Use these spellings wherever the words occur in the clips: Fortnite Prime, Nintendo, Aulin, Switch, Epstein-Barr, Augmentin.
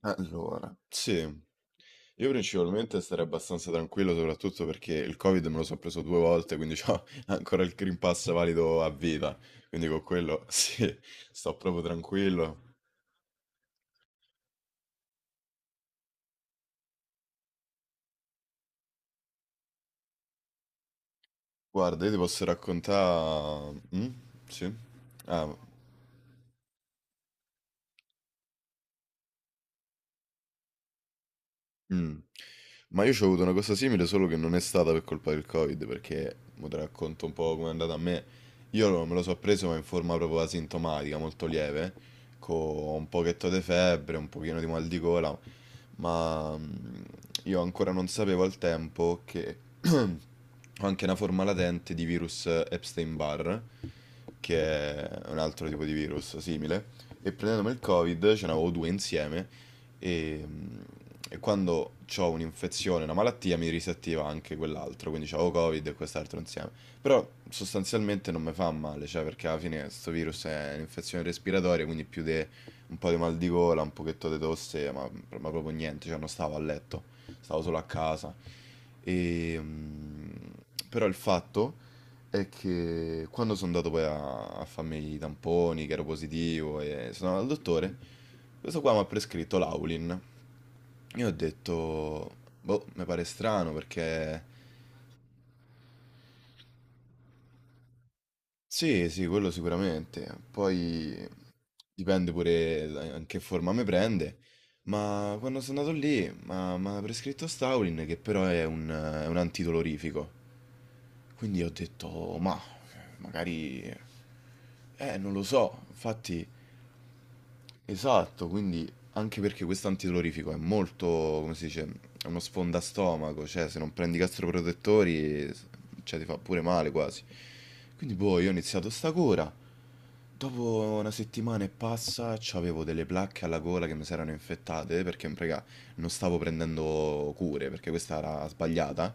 Allora, sì, io principalmente starei abbastanza tranquillo, soprattutto perché il Covid me lo sono preso due volte, quindi ho ancora il Green Pass valido a vita. Quindi con quello, sì, sto proprio tranquillo. Guarda, io ti posso raccontare... Mm? Sì? Ah, Mh. Ma io c'ho avuto una cosa simile, solo che non è stata per colpa del Covid, perché mo te racconto un po' com'è andata a me. Io lo me lo so preso, ma in forma proprio asintomatica, molto lieve, co' un pochetto di febbre, un pochino di mal di gola, ma, mhmm, io ancora non sapevo al tempo che ho anche una forma latente di virus Epstein-Barr, che è un altro tipo di virus simile, e prendendomi il Covid, ce n'avevo 2 insieme, e, mm, e quando ho un'infezione, una malattia, mi risettiva anche quell'altro, quindi c'avevo Covid e quest'altro insieme. Però sostanzialmente non mi fa male, cioè perché alla fine questo virus è un'infezione respiratoria, quindi più di un po' di mal di gola, un pochetto di tosse, ma proprio niente, cioè non stavo a letto, stavo solo a casa. E, mm, però il fatto è che quando sono andato poi a farmi i tamponi, che ero positivo, e sono andato al dottore, questo qua mi ha prescritto l'Aulin. Io ho detto, boh, mi pare strano perché... Sì, sì, quello sicuramente. Poi in che forma mi prende. Ma quando sono andato lì, mi ha prescritto Staulin che però è è un antidolorifico. Quindi ho detto, "Oh, ma magari... non lo so. Infatti esatto, quindi anche perché questo antidolorifico è molto, come si dice, è uno sfondastomaco, cioè se non prendi i gastroprotettori, cioè ti fa pure male quasi. Quindi boh, io ho iniziato sta cura. Dopo una settimana e passa, avevo delle placche alla gola che mi si erano infettate perché, prega, non stavo prendendo cure perché questa era sbagliata.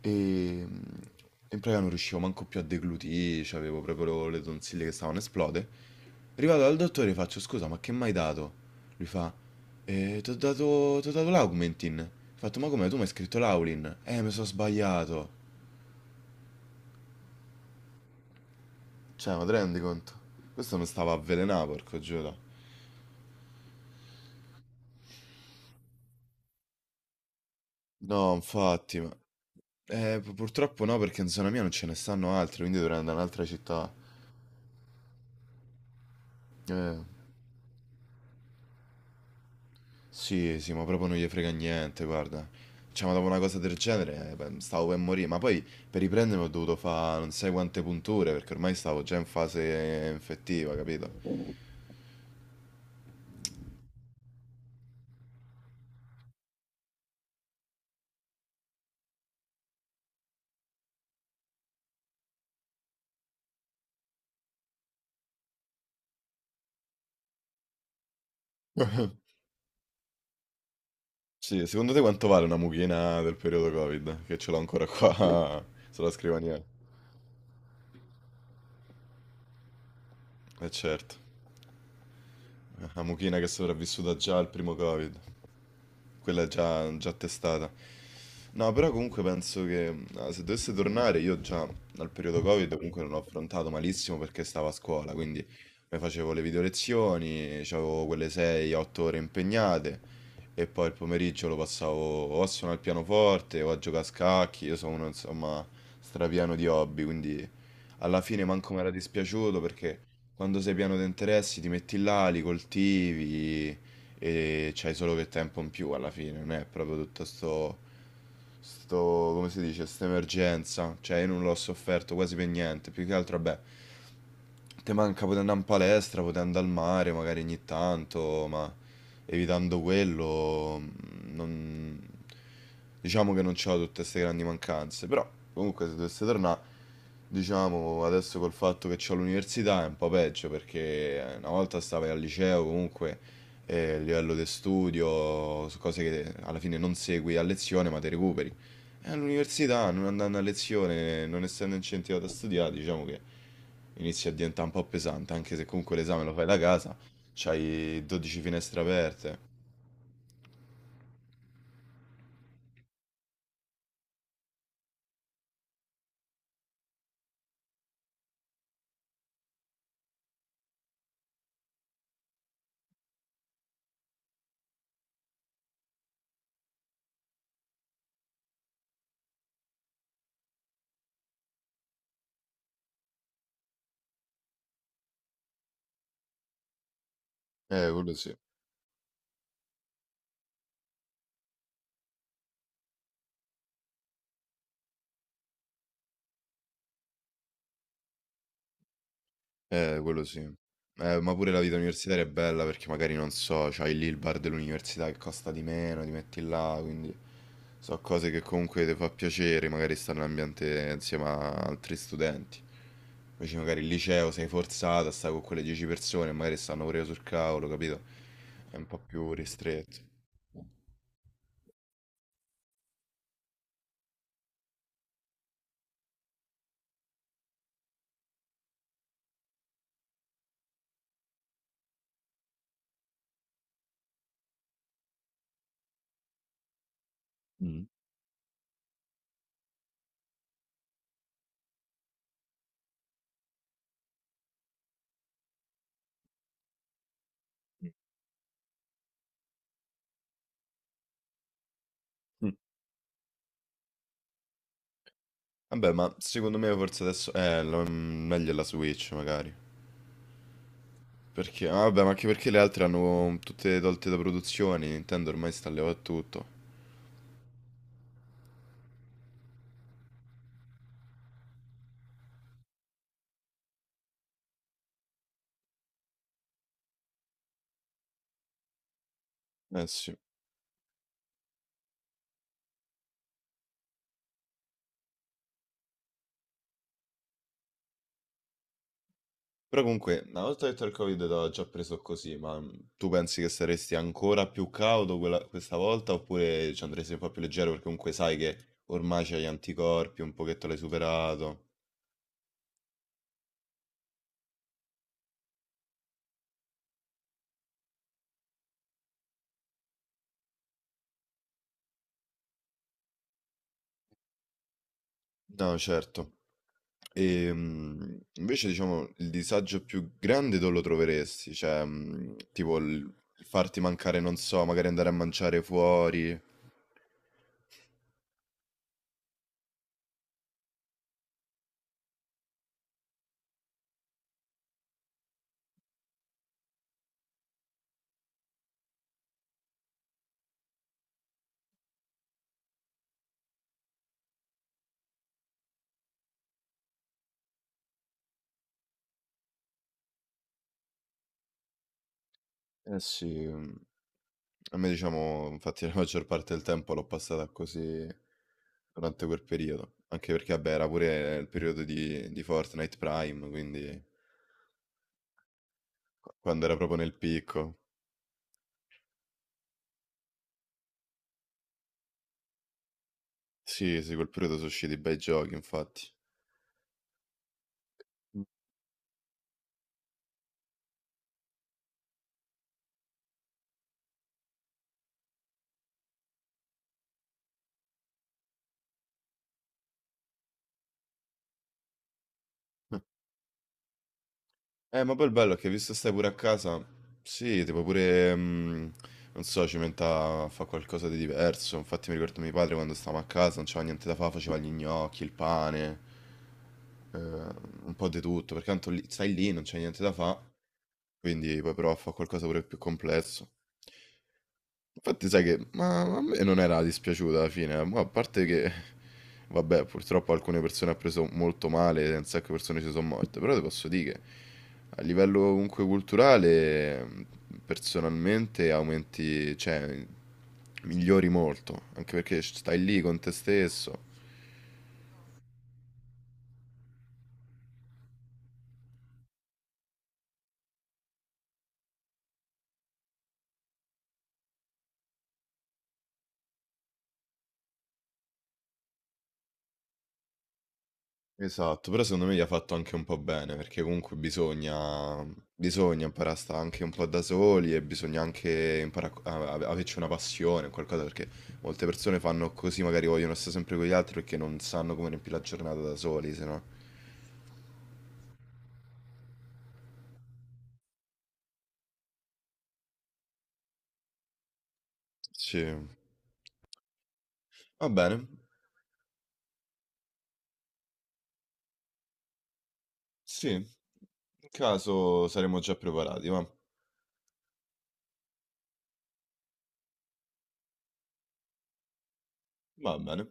E mm, in pratica non riuscivo manco più a deglutire, avevo proprio le tonsille che stavano a esplode. Arrivato dal dottore faccio, scusa, ma che m'hai dato? Lui fa, t'ho dato l'Augmentin. Ho fatto, ma come, tu mi hai scritto l'Aulin? Mi sono sbagliato. Cioè, ma ti rendi conto? Questo mi stava avvelenato, porco Giuda. No, infatti, ma... purtroppo no, perché in zona mia non ce ne stanno altri, quindi dovrei andare in un'altra città. Eh... Sì, sì, ma proprio non gli frega niente, guarda. Cioè, ma dopo una cosa del genere, beh, stavo per morire. Ma poi per riprendermi ho dovuto fare non sai quante punture, perché ormai stavo già in fase infettiva, capito? Sì, secondo te quanto vale una mucchina del periodo Covid? Che ce l'ho ancora qua sulla scrivania. Eh certo, la mucchina che è sopravvissuta già al primo Covid. Quella è già, già testata. No, però comunque penso che ah, se dovesse tornare, io già dal periodo Covid comunque non ho affrontato malissimo perché stavo a scuola, quindi mi facevo le video lezioni, avevo quelle 6-8 ore impegnate e poi il pomeriggio lo passavo o a suonare il pianoforte o a giocare a scacchi, io sono uno insomma strapieno di hobby, quindi alla fine manco mi era dispiaciuto perché quando sei pieno di interessi ti metti là, li coltivi e c'hai solo che tempo in più alla fine, non è proprio tutto sto, come si dice, questa emergenza, cioè io non l'ho sofferto quasi per niente, più che altro, vabbè, te manca poter andare in palestra, poter andare al mare magari ogni tanto, ma evitando quello, non... diciamo che non c'ho tutte queste grandi mancanze, però comunque se dovesse tornare, diciamo, adesso col fatto che c'ho l'università è un po' peggio, perché una volta stavi al liceo comunque a livello di studio, su cose che alla fine non segui a lezione ma te recuperi. E all'università, non andando a lezione, non essendo incentivato a studiare, diciamo che inizia a diventare un po' pesante, anche se comunque l'esame lo fai da casa, c'hai 12 finestre aperte. Quello sì. Quello sì. Ma pure la vita universitaria è bella perché magari non so, c'hai lì il bar dell'università che costa di meno, ti metti là, quindi so cose che comunque ti fa piacere, magari stare in un ambiente insieme a altri studenti. Invece magari il liceo sei forzato a stare con quelle 10 persone, magari stanno pure sul cavolo, capito? È un po' più ristretto. Mm. Mm. Vabbè, ma secondo me forse adesso meglio è la Switch, magari. Perché? Vabbè, ma anche perché le altre hanno mm, tutte tolte da produzioni, Nintendo ormai sta levando tutto. Eh sì. Però comunque, una volta detto il Covid l'ho già preso così, tu pensi che saresti ancora più cauto questa volta oppure ci andresti un po' più leggero perché comunque sai che ormai c'hai gli anticorpi, un pochetto l'hai superato. No, certo. E mm, invece diciamo il disagio più grande dove lo troveresti? Cioè, mm, tipo il farti mancare, non so, magari andare a mangiare fuori. Eh sì, mhmm, a me diciamo infatti la maggior parte del tempo l'ho passata così durante quel periodo, anche perché vabbè era pure il periodo di Fortnite Prime, quindi quando era proprio nel picco. Sì, sì, quel periodo so' usciti bei giochi infatti. Mh. Ma poi il bello è che visto che stai pure a casa, sì, tipo pure, non so, ci metta a fare qualcosa di diverso. Infatti mi ricordo mio padre quando stavamo a casa, non c'era niente da fare, faceva gli gnocchi, il pane, un po' di tutto, perché tanto stai lì, non c'è niente da fare, quindi poi prova a fare qualcosa pure più complesso. Infatti sai che ma a me non era dispiaciuta alla fine, ma a parte che vabbè, purtroppo alcune persone ha preso molto male, un sacco di persone ci sono morte, però ti posso dire che a livello comunque culturale personalmente aumenti, cioè migliori molto, anche perché stai lì con te stesso, esatto, però secondo me gli ha fatto anche un po' bene, perché comunque bisogna, bisogna imparare a stare anche un po' da soli e bisogna anche imparare averci una passione, qualcosa, perché molte persone fanno così, magari vogliono stare sempre con gli altri perché non sanno come riempire la giornata da soli, se no. Sì, va bene, sì, in caso saremo già preparati, va, va bene.